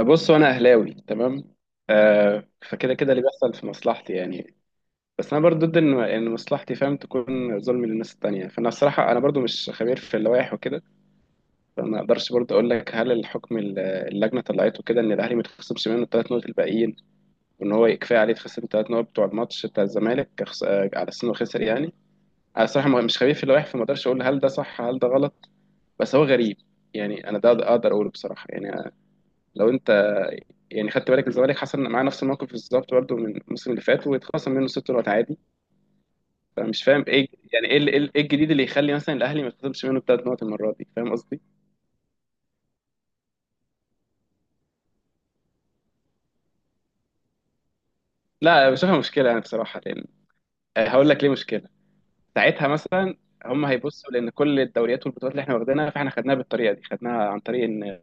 بص، انا اهلاوي. تمام. آه، فكده كده اللي بيحصل في مصلحتي يعني. بس انا برضو ضد ان مصلحتي فاهم تكون ظلم للناس التانية. فانا الصراحه انا برضو مش خبير في اللوائح وكده. فما اقدرش برضو اقول لك هل الحكم اللجنه طلعته كده ان الاهلي ما يتخصمش منه الثلاث نقط الباقيين، وان هو كفايه عليه يتخصم الثلاث نقط بتوع الماتش بتاع الزمالك على اساس انه خسر يعني. انا الصراحه مش خبير في اللوائح، فما اقدرش اقول هل ده صح هل ده غلط. بس هو غريب يعني. انا ده اقدر اقوله بصراحه يعني. لو انت يعني خدت بالك، الزمالك حصل معاه نفس الموقف بالظبط برضه من الموسم اللي فات، واتخصم منه ست نقط عادي. فمش فاهم ايه يعني. ايه إيه الجديد اللي يخلي مثلا الاهلي ما يتخصمش منه ثلاث نقط المره دي؟ فاهم قصدي؟ لا، بشوفها مشكله يعني بصراحه، لان هقول لك ليه مشكله. ساعتها مثلا هم هيبصوا، لان كل الدوريات والبطولات اللي احنا واخدينها فاحنا خدناها بالطريقه دي، خدناها عن طريق ان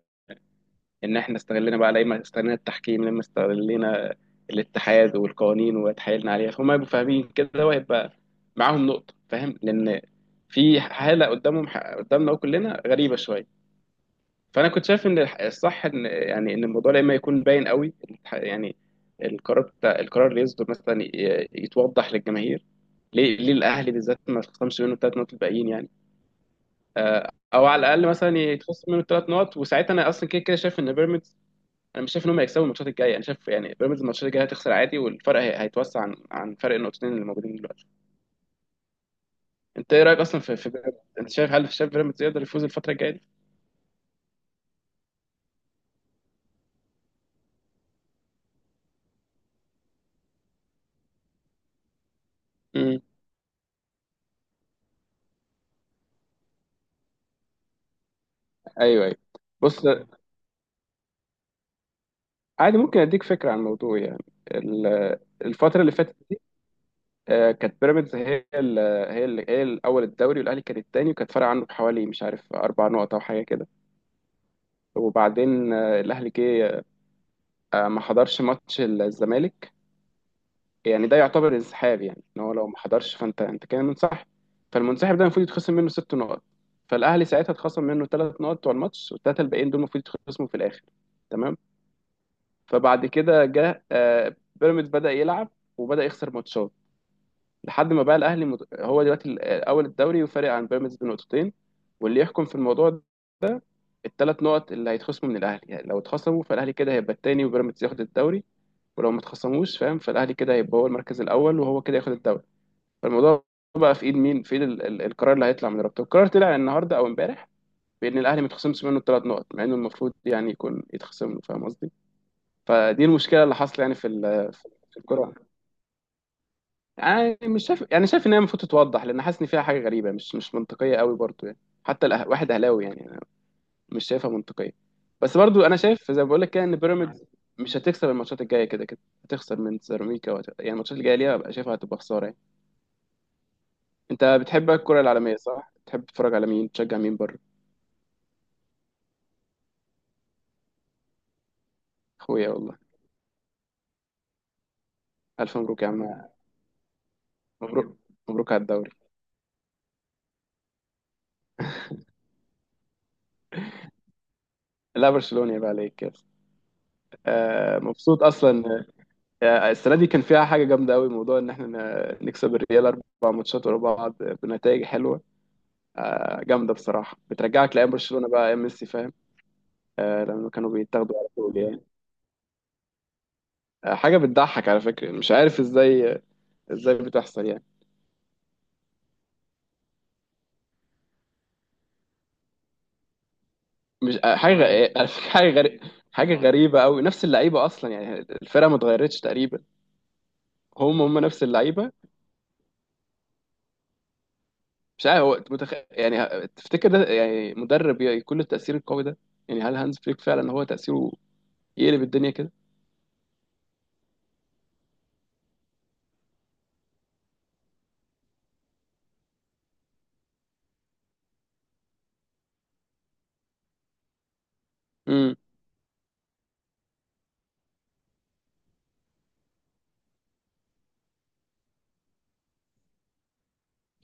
احنا استغلنا بقى، لما استغلنا التحكيم، لما استغلنا الاتحاد والقوانين وتحايلنا عليها. فهم هيبقوا فاهمين كده، وهيبقى معاهم نقطة، فاهم، لان في حالة قدامهم، قدامنا كلنا، غريبة شوية. فانا كنت شايف ان الصح ان يعني ان الموضوع لما يكون باين قوي، يعني القرار بتاع، القرار اللي يصدر مثلا، يتوضح للجماهير ليه، ليه الاهلي بالذات ما تخصمش منه الثلاث نقط الباقيين يعني. او على الاقل مثلا يتخصم منه الثلاث نقط، وساعتها انا اصلا كده كده شايف ان بيراميدز، انا مش شايف ان هم هيكسبوا الماتشات الجايه. انا شايف يعني بيراميدز الماتشات الجايه هتخسر عادي، والفرق هيتوسع عن فرق النقطتين اللي موجودين دلوقتي. انت ايه رايك اصلا في بيراميدز؟ انت شايف، هل شايف بيراميدز يقدر يفوز الفتره الجايه دي؟ امم ايوه، ايوه. بص، عادي، ممكن اديك فكره عن الموضوع يعني. الفتره اللي فاتت دي، كانت بيراميدز هي ال هي ال هي الاول الدوري، والاهلي كان الثاني، وكانت فارقه عنه بحوالي مش عارف اربع نقط او حاجه كده. وبعدين الاهلي جه ما حضرش ماتش الزمالك. يعني ده يعتبر انسحاب، يعني ان هو لو ما حضرش فانت كده منسحب. فالمنسحب ده المفروض يتخصم منه ست نقط. فالاهلي ساعتها اتخصم منه ثلاث نقط بتوع الماتش، والثلاثه الباقيين دول المفروض يتخصموا في الاخر. تمام. فبعد كده جه بيراميدز بدا يلعب، وبدا يخسر ماتشات، لحد ما بقى الاهلي هو دلوقتي اول الدوري، وفارق عن بيراميدز بنقطتين. واللي يحكم في الموضوع ده، الثلاث نقط اللي هيتخصموا من الاهلي. يعني لو اتخصموا فالاهلي كده هيبقى الثاني وبيراميدز ياخد الدوري، ولو ما اتخصموش، فاهم، فالاهلي كده هيبقى هو المركز الاول وهو كده ياخد الدوري. فالموضوع بقى في ايد مين؟ في ايد القرار اللي هيطلع من رابطه. القرار طلع النهارده او امبارح بان الاهلي ما يتخصمش منه الثلاث نقط، مع انه المفروض يعني يكون يتخصم له، فاهم قصدي؟ فدي المشكله اللي حاصله يعني في في الكوره. يعني مش شايف، يعني شايف ان هي المفروض تتوضح، لان حاسس ان فيها حاجه غريبه، مش منطقيه قوي برضو يعني. حتى واحد اهلاوي يعني، أنا مش شايفها منطقيه. بس برضو انا شايف زي ما بقول لك كده، ان بيراميدز مش هتكسب الماتشات الجايه كده كده. هتخسر من سيراميكا، يعني الماتشات الجايه ليها بقى شايفها هتبقى خساره يعني. انت بتحب الكرة العالمية صح؟ بتحب تتفرج على مين؟ تشجع مين بره؟ اخويا والله. الف مبروك يا عم، مبروك، مبروك على الدوري. لا، برشلونة يبقى عليك كده. آه، مبسوط اصلا. آه، السنة دي كان فيها حاجة جامدة قوي، موضوع ان احنا نكسب الريال اربع ماتشات ورا بعض بنتائج حلوة. آه، جامدة بصراحة، بترجعك لايام برشلونة بقى، ايام ميسي، فاهم؟ آه، لما كانوا بيتاخدوا على طول يعني. آه، حاجة بتضحك على فكرة، مش عارف ازاي، ازاي بتحصل يعني. مش آه، حاجه غ- إيه، حاجه غريبه، حاجه غريبه قوي. نفس اللعيبه اصلا يعني، الفرقه ما اتغيرتش تقريبا. هم نفس اللعيبه. مش عارف هو يعني تفتكر ده يعني، مدرب يكون له التاثير القوي ده؟ يعني هل هانز فليك فعلا هو تاثيره يقلب الدنيا كده؟ امم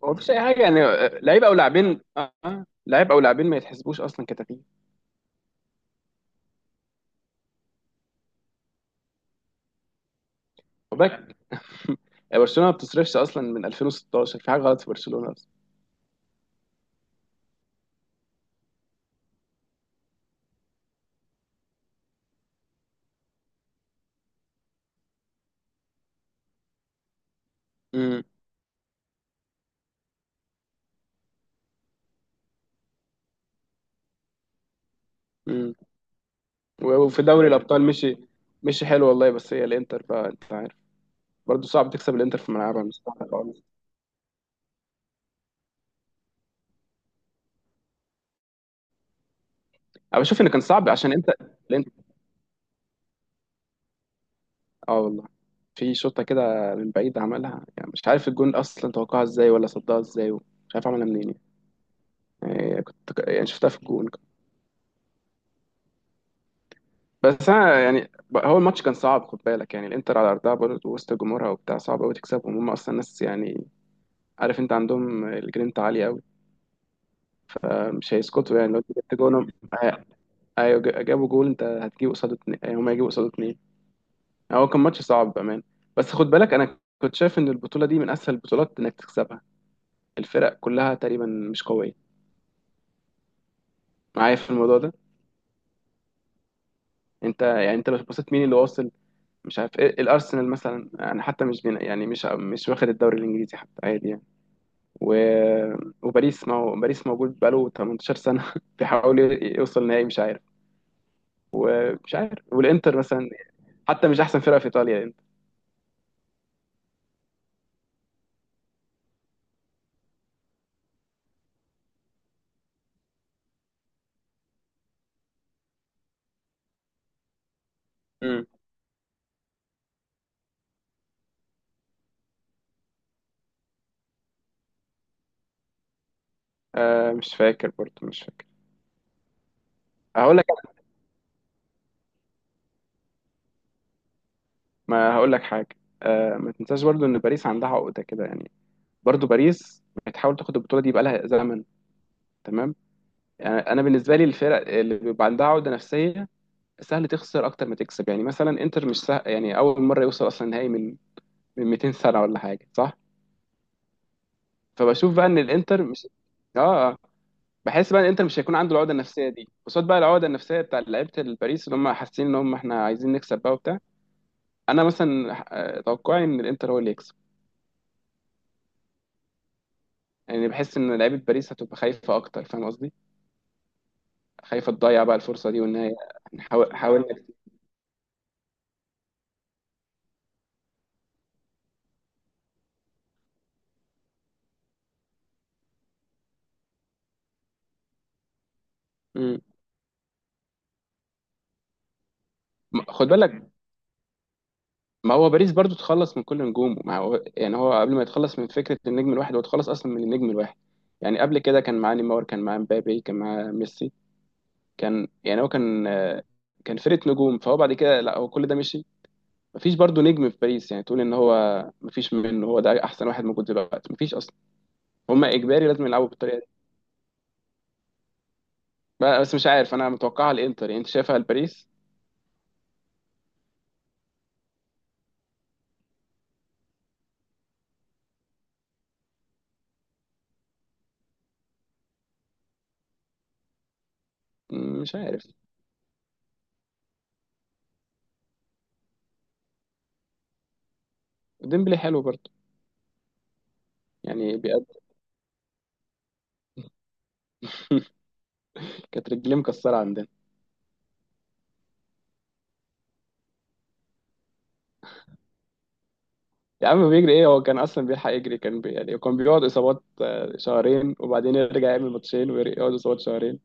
هو مفيش اي حاجه يعني، لعيب او لاعبين، لعيب او لاعبين ما يتحسبوش اصلا كتغيير. خد بالك. برشلونه ما بتصرفش اصلا من 2016، في حاجه غلط في برشلونه اصلا. امم امم وفي دوري الابطال مشي، مشي حلو والله. بس هي الانتر بقى، انت عارف، برضه صعب تكسب الانتر في ملعبها، مش سهل خالص. انا بشوف ان كان صعب، عشان انت الانتر، اه والله، في شوطه كده من بعيد عملها، يعني مش عارف الجون اصلا توقعها ازاي ولا صدها ازاي، مش عارف عملها منين. كنت يعني شفتها في الجون. بس انا يعني هو الماتش كان صعب، خد بالك، يعني الانتر على ارضها برضه وسط جمهورها وبتاع، صعب قوي تكسبهم، هم اصلا ناس يعني، عارف، انت عندهم الجرينتا عاليه قوي. مش هيسكتوا يعني لو انت جبت جونهم. آه، ايوه، جابوا جول، انت هتجيب قصاده اتنين، يعني هم هيجيبوا قصاده اتنين. هو كان ماتش صعب بأمان. بس خد بالك أنا كنت شايف إن البطولة دي من أسهل البطولات إنك تكسبها، الفرق كلها تقريبا مش قوية. معايا في الموضوع ده، أنت يعني أنت لو بصيت مين اللي واصل؟ مش عارف إيه، الأرسنال مثلا يعني حتى مش بين، يعني مش مش واخد الدوري الإنجليزي حتى عادي يعني. و... وباريس، ما هو باريس موجود بقاله 18 سنة بيحاول يوصل نهائي، مش عارف. ومش عارف، والإنتر مثلا حتى مش أحسن فرقة في إيطاليا الإنتر. مم. آه، مش فاكر برضه، مش فاكر. هقول ما هقول لك حاجه. آه، ما تنساش برضو ان باريس عندها عقده كده يعني، برضو باريس بتحاول تاخد البطوله دي بقالها زمن، تمام؟ يعني انا بالنسبه لي الفرق اللي بيبقى عندها عقده نفسيه سهل تخسر اكتر ما تكسب. يعني مثلا انتر مش سهل، يعني اول مره يوصل اصلا نهائي من 200 سنه ولا حاجه، صح؟ فبشوف بقى ان الانتر مش، اه، آه. بحس بقى ان الانتر مش هيكون عنده العقده النفسيه دي، قصاد بقى العقده النفسيه بتاع لعيبه الباريس اللي هم حاسين ان هم احنا عايزين نكسب بقى وبتاع. انا مثلا توقعي ان الانتر هو اللي يكسب، يعني بحس ان لعيبه باريس هتبقى خايفه اكتر، فاهم قصدي؟ خايفه تضيع بقى الفرصه دي، وان هي حاولنا كتير. مم. خد بالك، ما هو باريس برضو اتخلص من كل نجومه، ما هو يعني هو قبل ما يتخلص من فكره النجم الواحد هو اتخلص اصلا من النجم الواحد. يعني قبل كده كان معاه نيمار، كان معاه مبابي، كان معاه ميسي، كان يعني هو كان كان فرقه نجوم. فهو بعد كده، لا، هو كل ده مشي. مفيش برضو نجم في باريس يعني تقول ان هو، مفيش منه، هو ده احسن واحد موجود دلوقتي، مفيش اصلا. هما اجباري لازم يلعبوا بالطريقه. بس مش عارف، انا متوقعها الانتر يعني، انت شايفها لباريس. مم، مش عارف. ديمبلي حلو برضه يعني، بيقدم. كانت رجليه مكسره عندنا. يا عم بيجري ايه، هو كان اصلا بيلحق يجري؟ كان يعني كان بيقعد اصابات شهرين، وبعدين يرجع يعمل ماتشين ويقعد اصابات شهرين.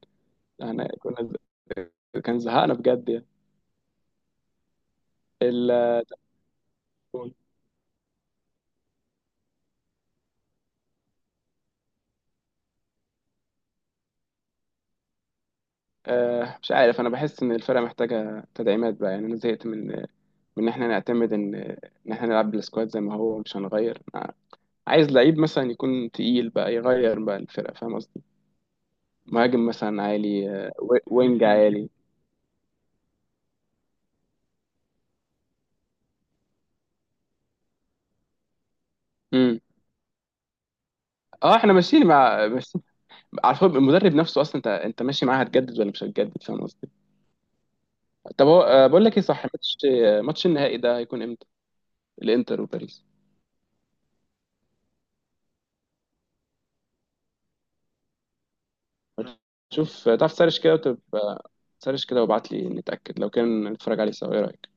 احنا كنا كان زهقنا بجد يعني. ال... آه، مش عارف، انا بحس ان الفرقه محتاجه تدعيمات بقى يعني. انا زهقت من ان احنا نعتمد ان احنا نلعب بالسكواد زي ما هو، مش هنغير. عايز لعيب مثلا يكون تقيل بقى يغير بقى الفرقة، فاهم قصدي؟ مهاجم مثلا عالي، وينج عالي. امم اه، احنا ماشيين مع بس. على فكرة المدرب نفسه اصلا، انت ماشي معاه، هتجدد ولا مش هتجدد، فاهم قصدي؟ طب هو، بقول لك ايه، صح، ماتش، ماتش النهائي ده هيكون امتى؟ الانتر وباريس. شوف تعرف تسرش كده وتبقى، سرش كده وابعت لي، نتأكد لو كان نتفرج عليه سوا، ايه رأيك؟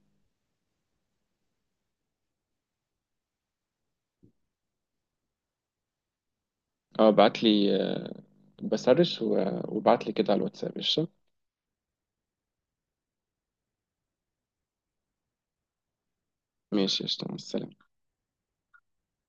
اه، ابعت لي، بسرش وابعت لي كده على الواتساب، قشطة. ماشي، قشطة، مع السلامة.